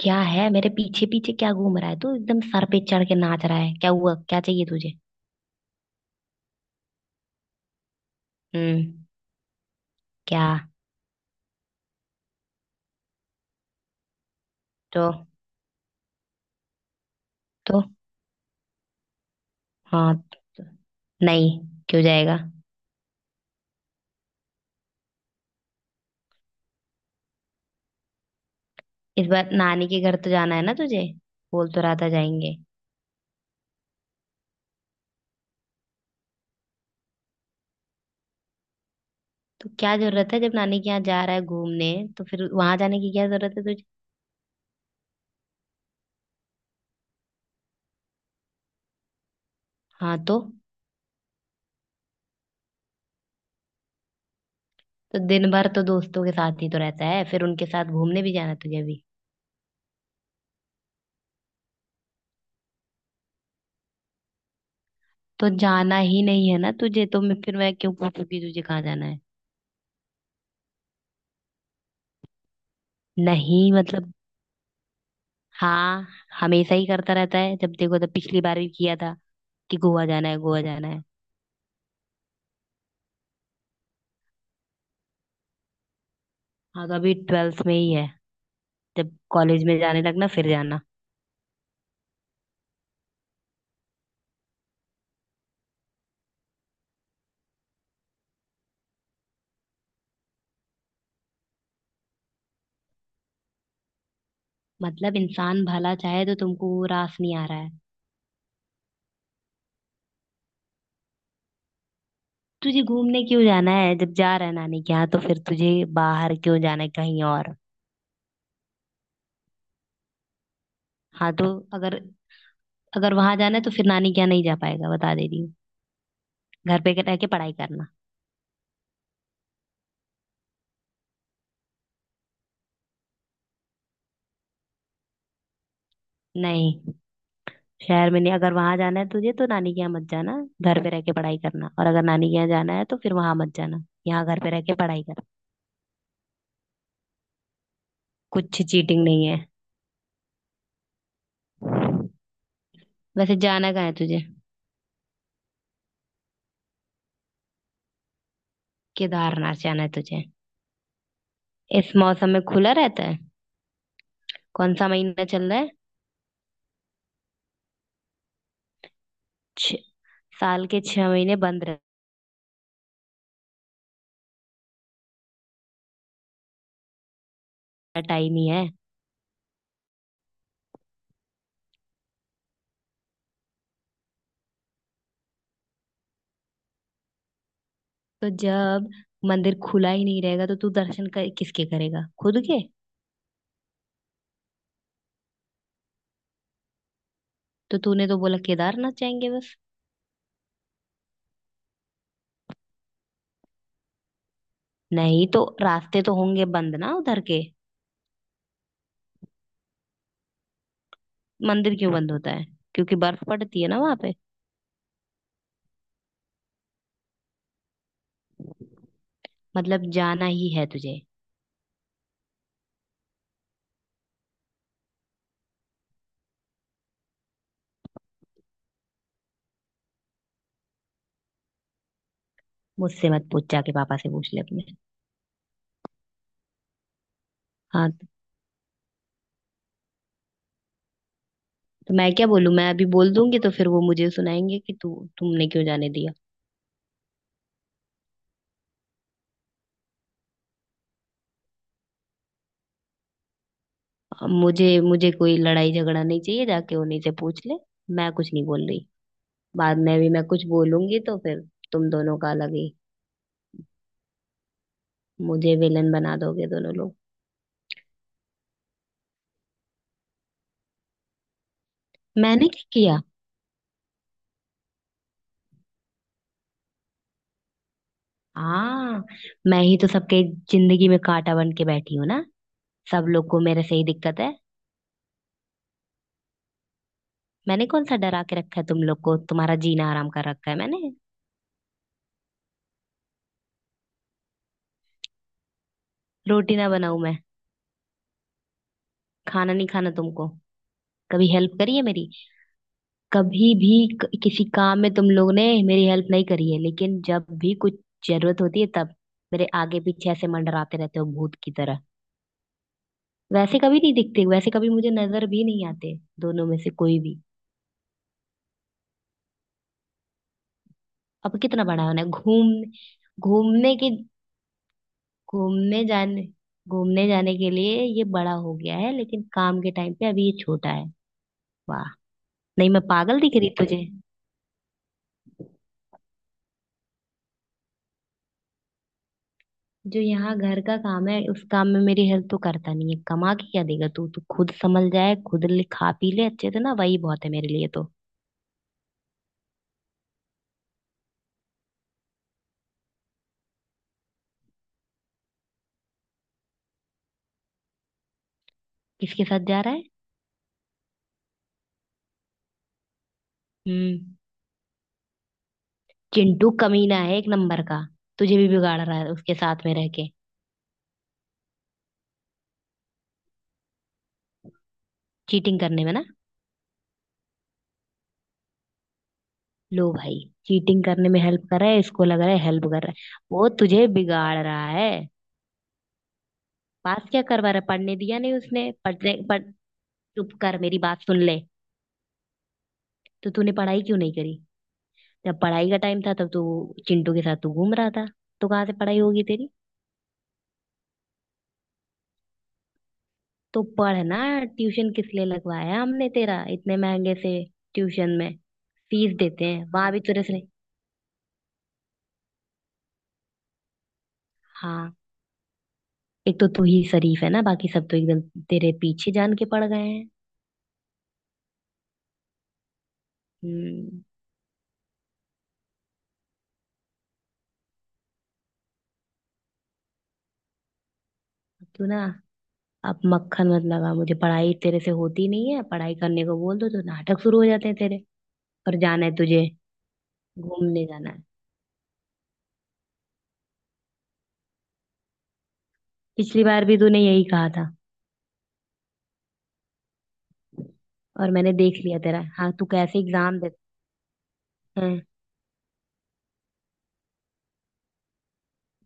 क्या है? मेरे पीछे पीछे क्या घूम रहा है तू? एकदम सर पे चढ़ के नाच रहा है। क्या हुआ? क्या चाहिए तुझे? हम्म। क्या? तो? तो हाँ, तो नहीं, क्यों जाएगा? इस बार नानी के घर तो जाना है ना तुझे? बोल तो रहा था जाएंगे। तो क्या जरूरत है जब नानी के यहाँ जा रहा है घूमने? तो फिर वहां जाने की क्या जरूरत है तुझे? हाँ, तो। तो दिन भर तो दोस्तों के साथ ही तो रहता है, फिर उनके साथ घूमने भी जाना है तुझे भी? तो जाना ही नहीं है ना तुझे तो, मैं फिर मैं क्यों पूछूंगी तुझे कहाँ जाना है। नहीं, मतलब, हाँ, हमेशा ही करता रहता है जब देखो तब। पिछली बार भी किया था कि गोवा जाना है, गोवा जाना है। हाँ, तो अभी ट्वेल्थ में ही है। जब कॉलेज में जाने लगना फिर जाना। मतलब इंसान भला चाहे तो तुमको वो रास नहीं आ रहा है। तुझे घूमने क्यों जाना है जब जा रहा है नानी के यहाँ, तो फिर तुझे बाहर क्यों जाना है कहीं और? हाँ, तो अगर, अगर वहां जाना है तो फिर नानी के यहाँ नहीं जा पाएगा, बता दे रही हूँ। घर पे रह के पढ़ाई करना। नहीं, शहर में नहीं। अगर वहां जाना है तुझे तो नानी के यहाँ मत जाना, घर पे रह के पढ़ाई करना। और अगर नानी के यहाँ जाना है तो फिर वहां मत जाना, यहाँ घर पे रह के पढ़ाई कर। कुछ चीटिंग नहीं है। वैसे जाना कहाँ है तुझे? केदारनाथ जाना है तुझे? इस मौसम में खुला रहता है? कौन सा महीना चल रहा है? छ- साल के छह महीने बंद रहता। टाइम ही है। तो जब मंदिर खुला ही नहीं रहेगा तो तू दर्शन कर, किसके करेगा, खुद के? तो तूने तो बोला केदारनाथ जाएंगे बस। नहीं तो रास्ते तो होंगे बंद ना उधर के। मंदिर क्यों बंद होता है? क्योंकि बर्फ पड़ती है ना वहां पे। मतलब जाना ही है तुझे? मुझसे मत पूछ, जाके पापा से पूछ ले अपने। हाँ, तो मैं क्या बोलूं? मैं अभी बोल दूंगी तो फिर वो मुझे सुनाएंगे कि तू तुमने क्यों जाने दिया। अब मुझे मुझे कोई लड़ाई झगड़ा नहीं चाहिए, जाके उन्हीं से पूछ ले। मैं कुछ नहीं बोल रही। बाद में भी मैं कुछ बोलूंगी तो फिर तुम दोनों का अलग ही। मुझे विलन बना दोगे दोनों लोग। मैंने क्या किया? हाँ, मैं ही तो सबके जिंदगी में कांटा बन के बैठी हूँ ना। सब लोग को मेरे से ही दिक्कत है। मैंने कौन सा डरा के रखा है तुम लोग को? तुम्हारा जीना आराम कर रखा है मैंने। रोटी ना बनाऊं मैं? खाना नहीं खाना तुमको? कभी हेल्प करी है मेरी, कभी भी? किसी काम में तुम लोग ने मेरी हेल्प नहीं करी है, लेकिन जब भी कुछ जरूरत होती है तब मेरे आगे पीछे ऐसे मंडराते रहते हो भूत की तरह। वैसे कभी नहीं दिखते, वैसे कभी मुझे नजर भी नहीं आते दोनों में से कोई भी। अब कितना बड़ा होना है? घूम, घूमने के, घूमने जाने, घूमने जाने के लिए ये बड़ा हो गया है, लेकिन काम के टाइम पे अभी ये छोटा है। वाह। नहीं मैं पागल दिख रही तुझे? जो यहाँ घर का काम है उस काम में मेरी हेल्प तो करता नहीं है, कमा के क्या देगा तू? तू खुद संभल जाए, खुद ले, खा पी ले अच्छे से ना, वही बहुत है मेरे लिए तो। किसके साथ जा रहा है? हम्म। चिंटू कमीना है एक नंबर का। तुझे भी बिगाड़ रहा है उसके साथ में रह के। चीटिंग करने में ना। लो भाई, चीटिंग करने में हेल्प कर रहा है, इसको लग रहा है हेल्प कर रहा है। वो तुझे बिगाड़ रहा है। पास क्या करवा रहा है? पढ़ने दिया नहीं उसने पढ़ने, पढ़। चुप कर, मेरी बात सुन ले। तो तूने पढ़ाई क्यों नहीं करी? जब पढ़ाई का टाइम था तब तू चिंटू के साथ तू घूम रहा था, तो कहाँ से पढ़ाई होगी तेरी? तो पढ़ना। ट्यूशन किस लिए लगवाया हमने तेरा इतने महंगे से ट्यूशन में? फीस देते हैं वहां भी तेरे से। हाँ, एक तो तू ही शरीफ है ना, बाकी सब तो एकदम तेरे पीछे जान के पड़ गए हैं। हम्म। तू ना, अब मक्खन मत लगा मुझे। पढ़ाई तेरे से होती नहीं है, पढ़ाई करने को बोल दो तो नाटक शुरू हो जाते हैं तेरे। पर जाना है तुझे, घूमने जाना है। पिछली बार भी तूने यही कहा था, और मैंने देख लिया तेरा हाँ, तू कैसे एग्जाम देता है।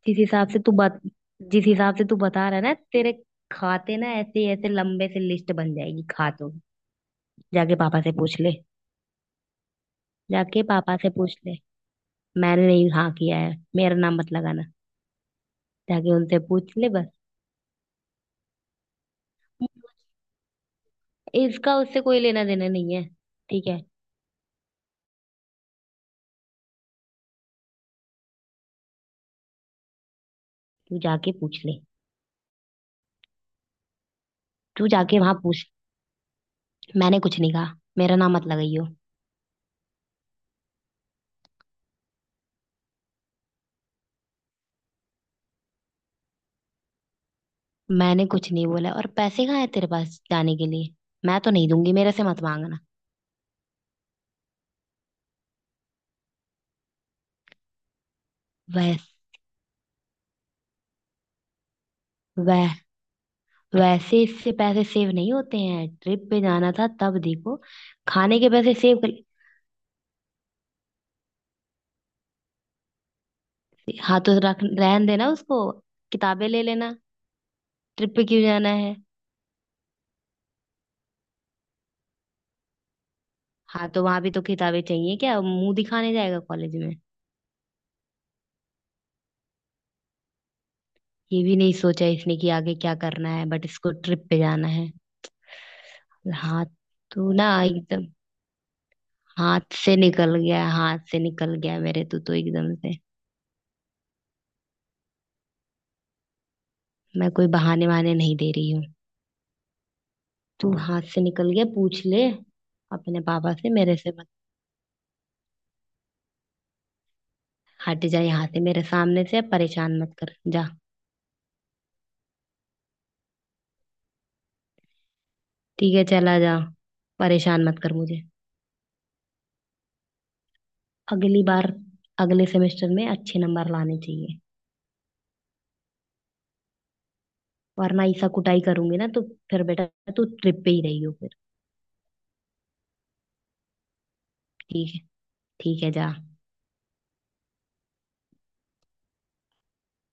जिस हिसाब से तू बत, जिस हिसाब से तू बता रहा है ना, तेरे खाते ना ऐसे ऐसे लंबे से लिस्ट बन जाएगी खातों की। जाके पापा से पूछ ले। जाके पापा से पूछ ले। मैंने नहीं हाँ किया है, मेरा नाम मत लगाना। जाके उनसे पूछ ले बस। इसका उससे कोई लेना देना नहीं है। ठीक है, तू जाके पूछ ले। तू जाके वहां पूछ, मैंने कुछ नहीं कहा, मेरा नाम मत लगाइयो। मैंने कुछ नहीं बोला। और पैसे कहाँ है तेरे पास जाने के लिए? मैं तो नहीं दूंगी, मेरे से मत मांगना। वैस, वह, वैसे इससे पैसे सेव नहीं होते हैं। ट्रिप पे जाना था तब देखो, खाने के पैसे सेव कर। हाथों रख रहन देना उसको, किताबें ले लेना। ट्रिप पे क्यों जाना है? हाँ, तो वहां भी तो किताबें चाहिए, क्या मुंह दिखाने जाएगा कॉलेज में? ये भी नहीं सोचा इसने कि आगे क्या करना है, बट इसको ट्रिप पे जाना है। हाँ, तू ना एकदम हाथ से निकल गया, हाथ से निकल गया मेरे, तू तो एकदम से। मैं कोई बहाने वहाने नहीं दे रही हूँ। तू हाथ से निकल गया, पूछ ले अपने पापा से, मेरे से मत। हट जा यहाँ से, मेरे सामने से परेशान मत कर, जा। ठीक है चला जा, परेशान मत कर मुझे। अगली बार, अगले सेमेस्टर में अच्छे नंबर लाने चाहिए, वरना ऐसा कुटाई करूंगी ना तो फिर बेटा तू ट्रिप पे ही रही हो फिर। ठीक है, ठीक है, जा।